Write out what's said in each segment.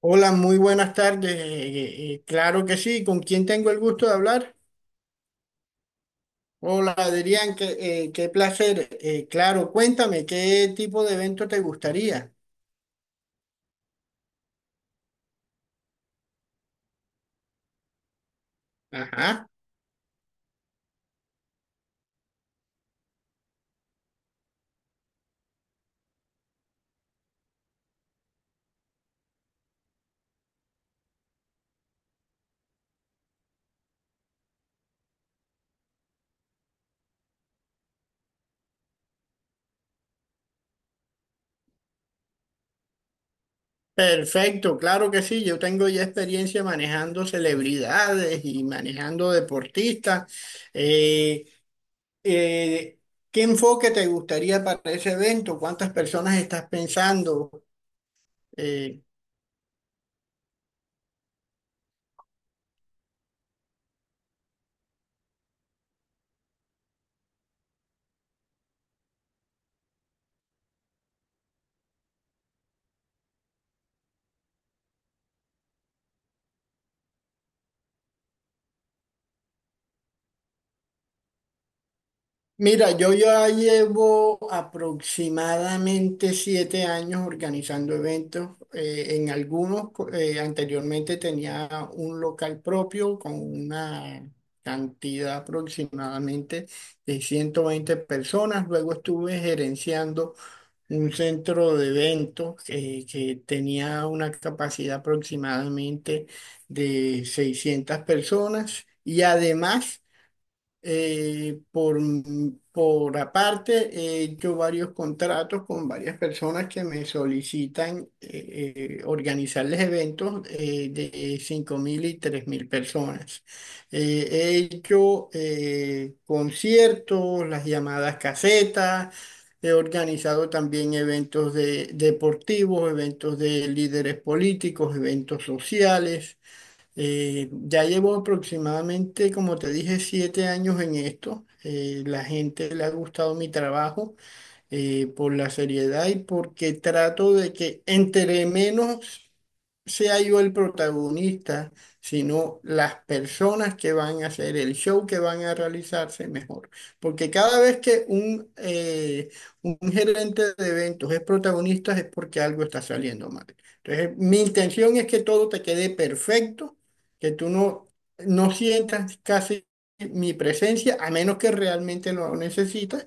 Hola, muy buenas tardes. Claro que sí. ¿Con quién tengo el gusto de hablar? Hola, Adrián, qué placer. Claro, cuéntame, ¿qué tipo de evento te gustaría? Ajá. Perfecto, claro que sí. Yo tengo ya experiencia manejando celebridades y manejando deportistas. Eh, eh, ¿Qué enfoque te gustaría para ese evento? ¿Cuántas personas estás pensando? Eh, Mira, yo ya llevo aproximadamente 7 años organizando eventos. En algunos, anteriormente tenía un local propio con una cantidad aproximadamente de 120 personas. Luego estuve gerenciando un centro de eventos que tenía una capacidad aproximadamente de 600 personas. Y además... Eh, por, por aparte, he hecho varios contratos con varias personas que me solicitan organizarles eventos de 5.000 y 3.000 personas. He hecho conciertos, las llamadas casetas, he organizado también eventos deportivos, eventos de líderes políticos, eventos sociales. Ya llevo aproximadamente, como te dije, 7 años en esto. La gente le ha gustado mi trabajo por la seriedad y porque trato de que entre menos sea yo el protagonista, sino las personas que van a hacer el show que van a realizarse mejor. Porque cada vez que un gerente de eventos es protagonista es porque algo está saliendo mal. Entonces, mi intención es que todo te quede perfecto, que tú no sientas casi mi presencia, a menos que realmente lo necesitas,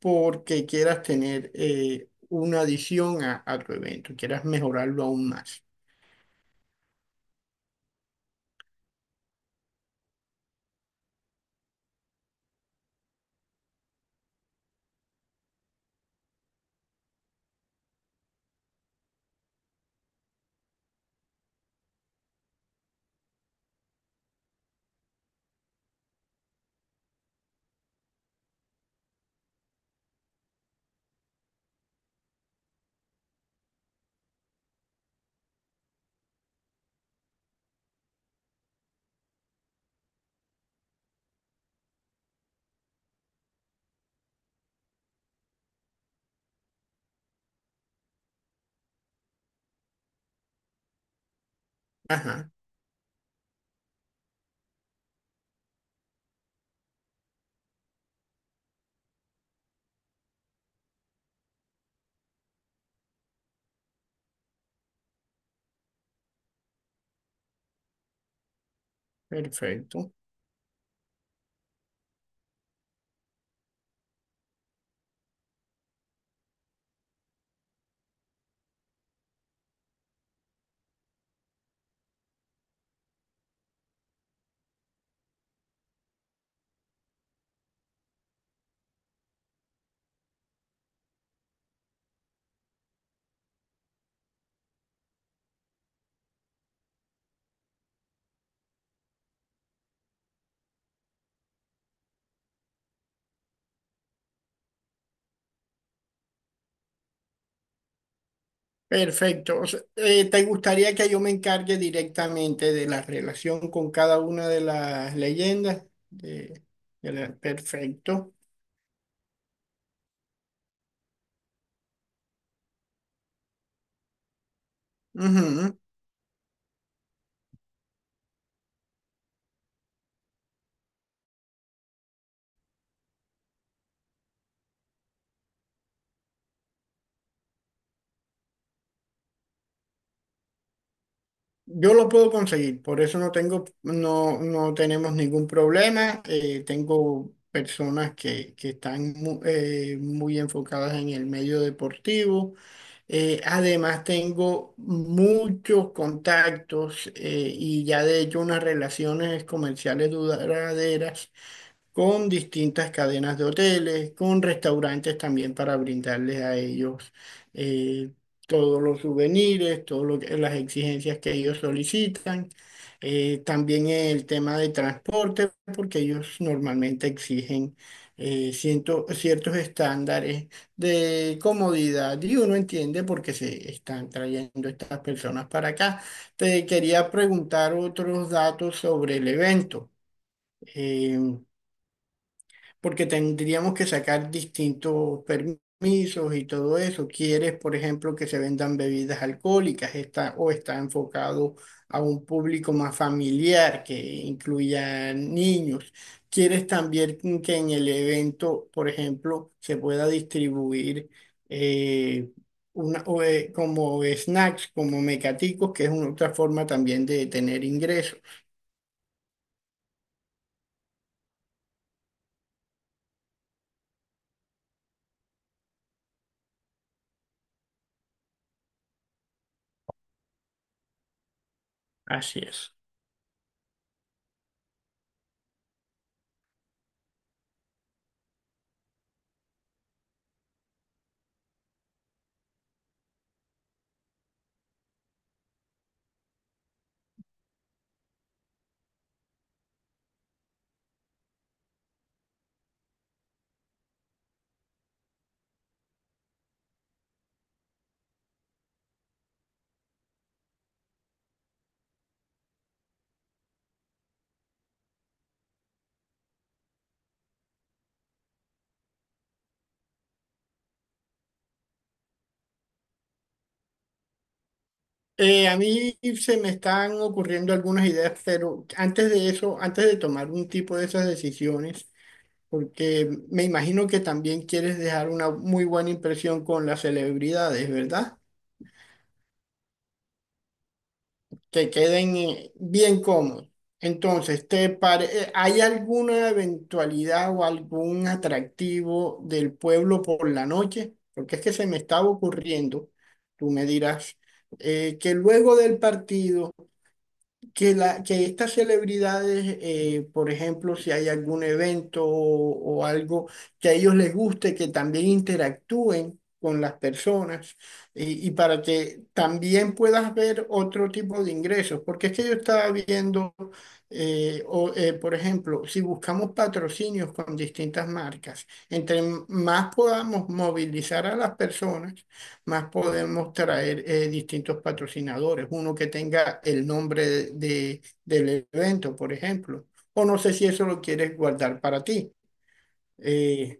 porque quieras tener una adición a tu evento, quieras mejorarlo aún más. Ajá, perfecto. Perfecto. O sea, ¿te gustaría que yo me encargue directamente de la relación con cada una de las leyendas? De, perfecto. Ujú. Yo lo puedo conseguir, por eso no tengo, no tenemos ningún problema. Tengo personas que están muy enfocadas en el medio deportivo. Además, tengo muchos contactos y ya de hecho unas relaciones comerciales duraderas con distintas cadenas de hoteles, con restaurantes también para brindarles a ellos eh, todos los souvenirs, todas las exigencias que ellos solicitan. También el tema de transporte, porque ellos normalmente exigen ciertos estándares de comodidad y uno entiende por qué se están trayendo estas personas para acá. Te quería preguntar otros datos sobre el evento. Em, Porque tendríamos que sacar distintos permisos y todo eso. ¿Quieres, por ejemplo, que se vendan bebidas alcohólicas está, o está enfocado a un público más familiar que incluya niños? ¿Quieres también que en el evento, por ejemplo, se pueda distribuir eh, como snacks, como mecaticos, que es una otra forma también de tener ingresos? Así es. A mí se me están ocurriendo algunas ideas, pero antes de eso, antes de tomar un tipo de esas decisiones, porque me imagino que también quieres dejar una muy buena impresión con las celebridades, ¿verdad? Que queden bien cómodos. Entonces, ¿hay alguna eventualidad o algún atractivo del pueblo por la noche? Porque es que se me estaba ocurriendo, tú me dirás, que luego del partido que estas celebridades, por ejemplo, si hay algún evento o algo que a ellos les guste, que también interactúen con las personas y para que también puedas ver otro tipo de ingresos. Porque es que yo estaba viendo, por ejemplo, si buscamos patrocinios con distintas marcas, entre más podamos movilizar a las personas, más podemos traer distintos patrocinadores, uno que tenga el nombre del evento, por ejemplo. O no sé si eso lo quieres guardar para ti. Eh,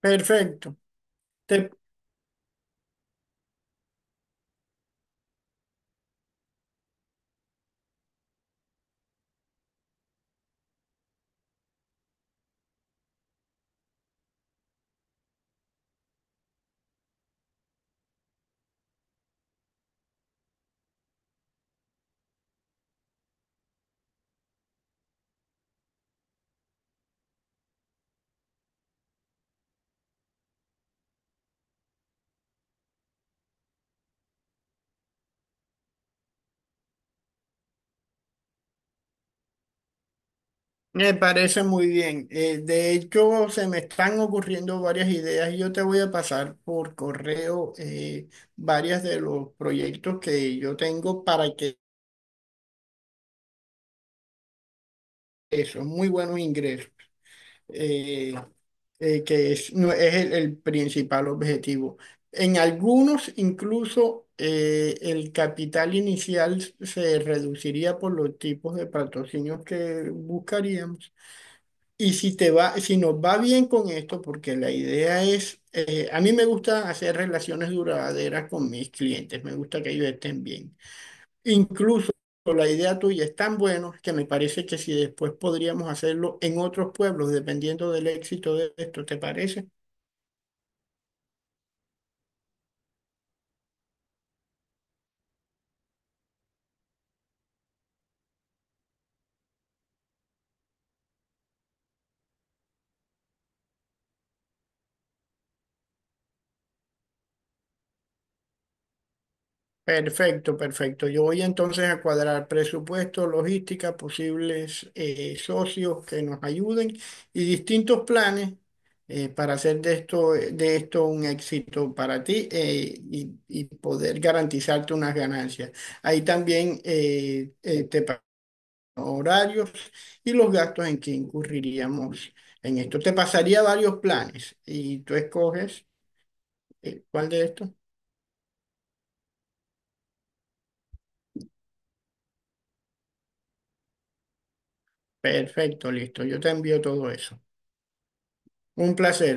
Perfecto, Te- me parece muy bien. De hecho, se me están ocurriendo varias ideas y yo te voy a pasar por correo varias de los proyectos que yo tengo para que son muy buenos ingresos. eh, que es, no, es el principal objetivo. En algunos incluso el capital inicial se reduciría por los tipos de patrocinios que buscaríamos. Y si te va, si nos va bien con esto, porque la idea es, a mí me gusta hacer relaciones duraderas con mis clientes, me gusta que ellos estén bien. Incluso la idea tuya es tan buena que me parece que si después podríamos hacerlo en otros pueblos, dependiendo del éxito de esto, ¿te parece? Perfecto, perfecto. Yo voy entonces a cuadrar presupuesto, logística, posibles socios que nos ayuden y distintos planes para hacer de esto un éxito para ti y poder garantizarte unas ganancias. Ahí también te horarios y los gastos en que incurriríamos en esto. Te pasaría varios planes y tú escoges cuál de estos. Perfecto, listo. Yo te envío todo eso. Un placer.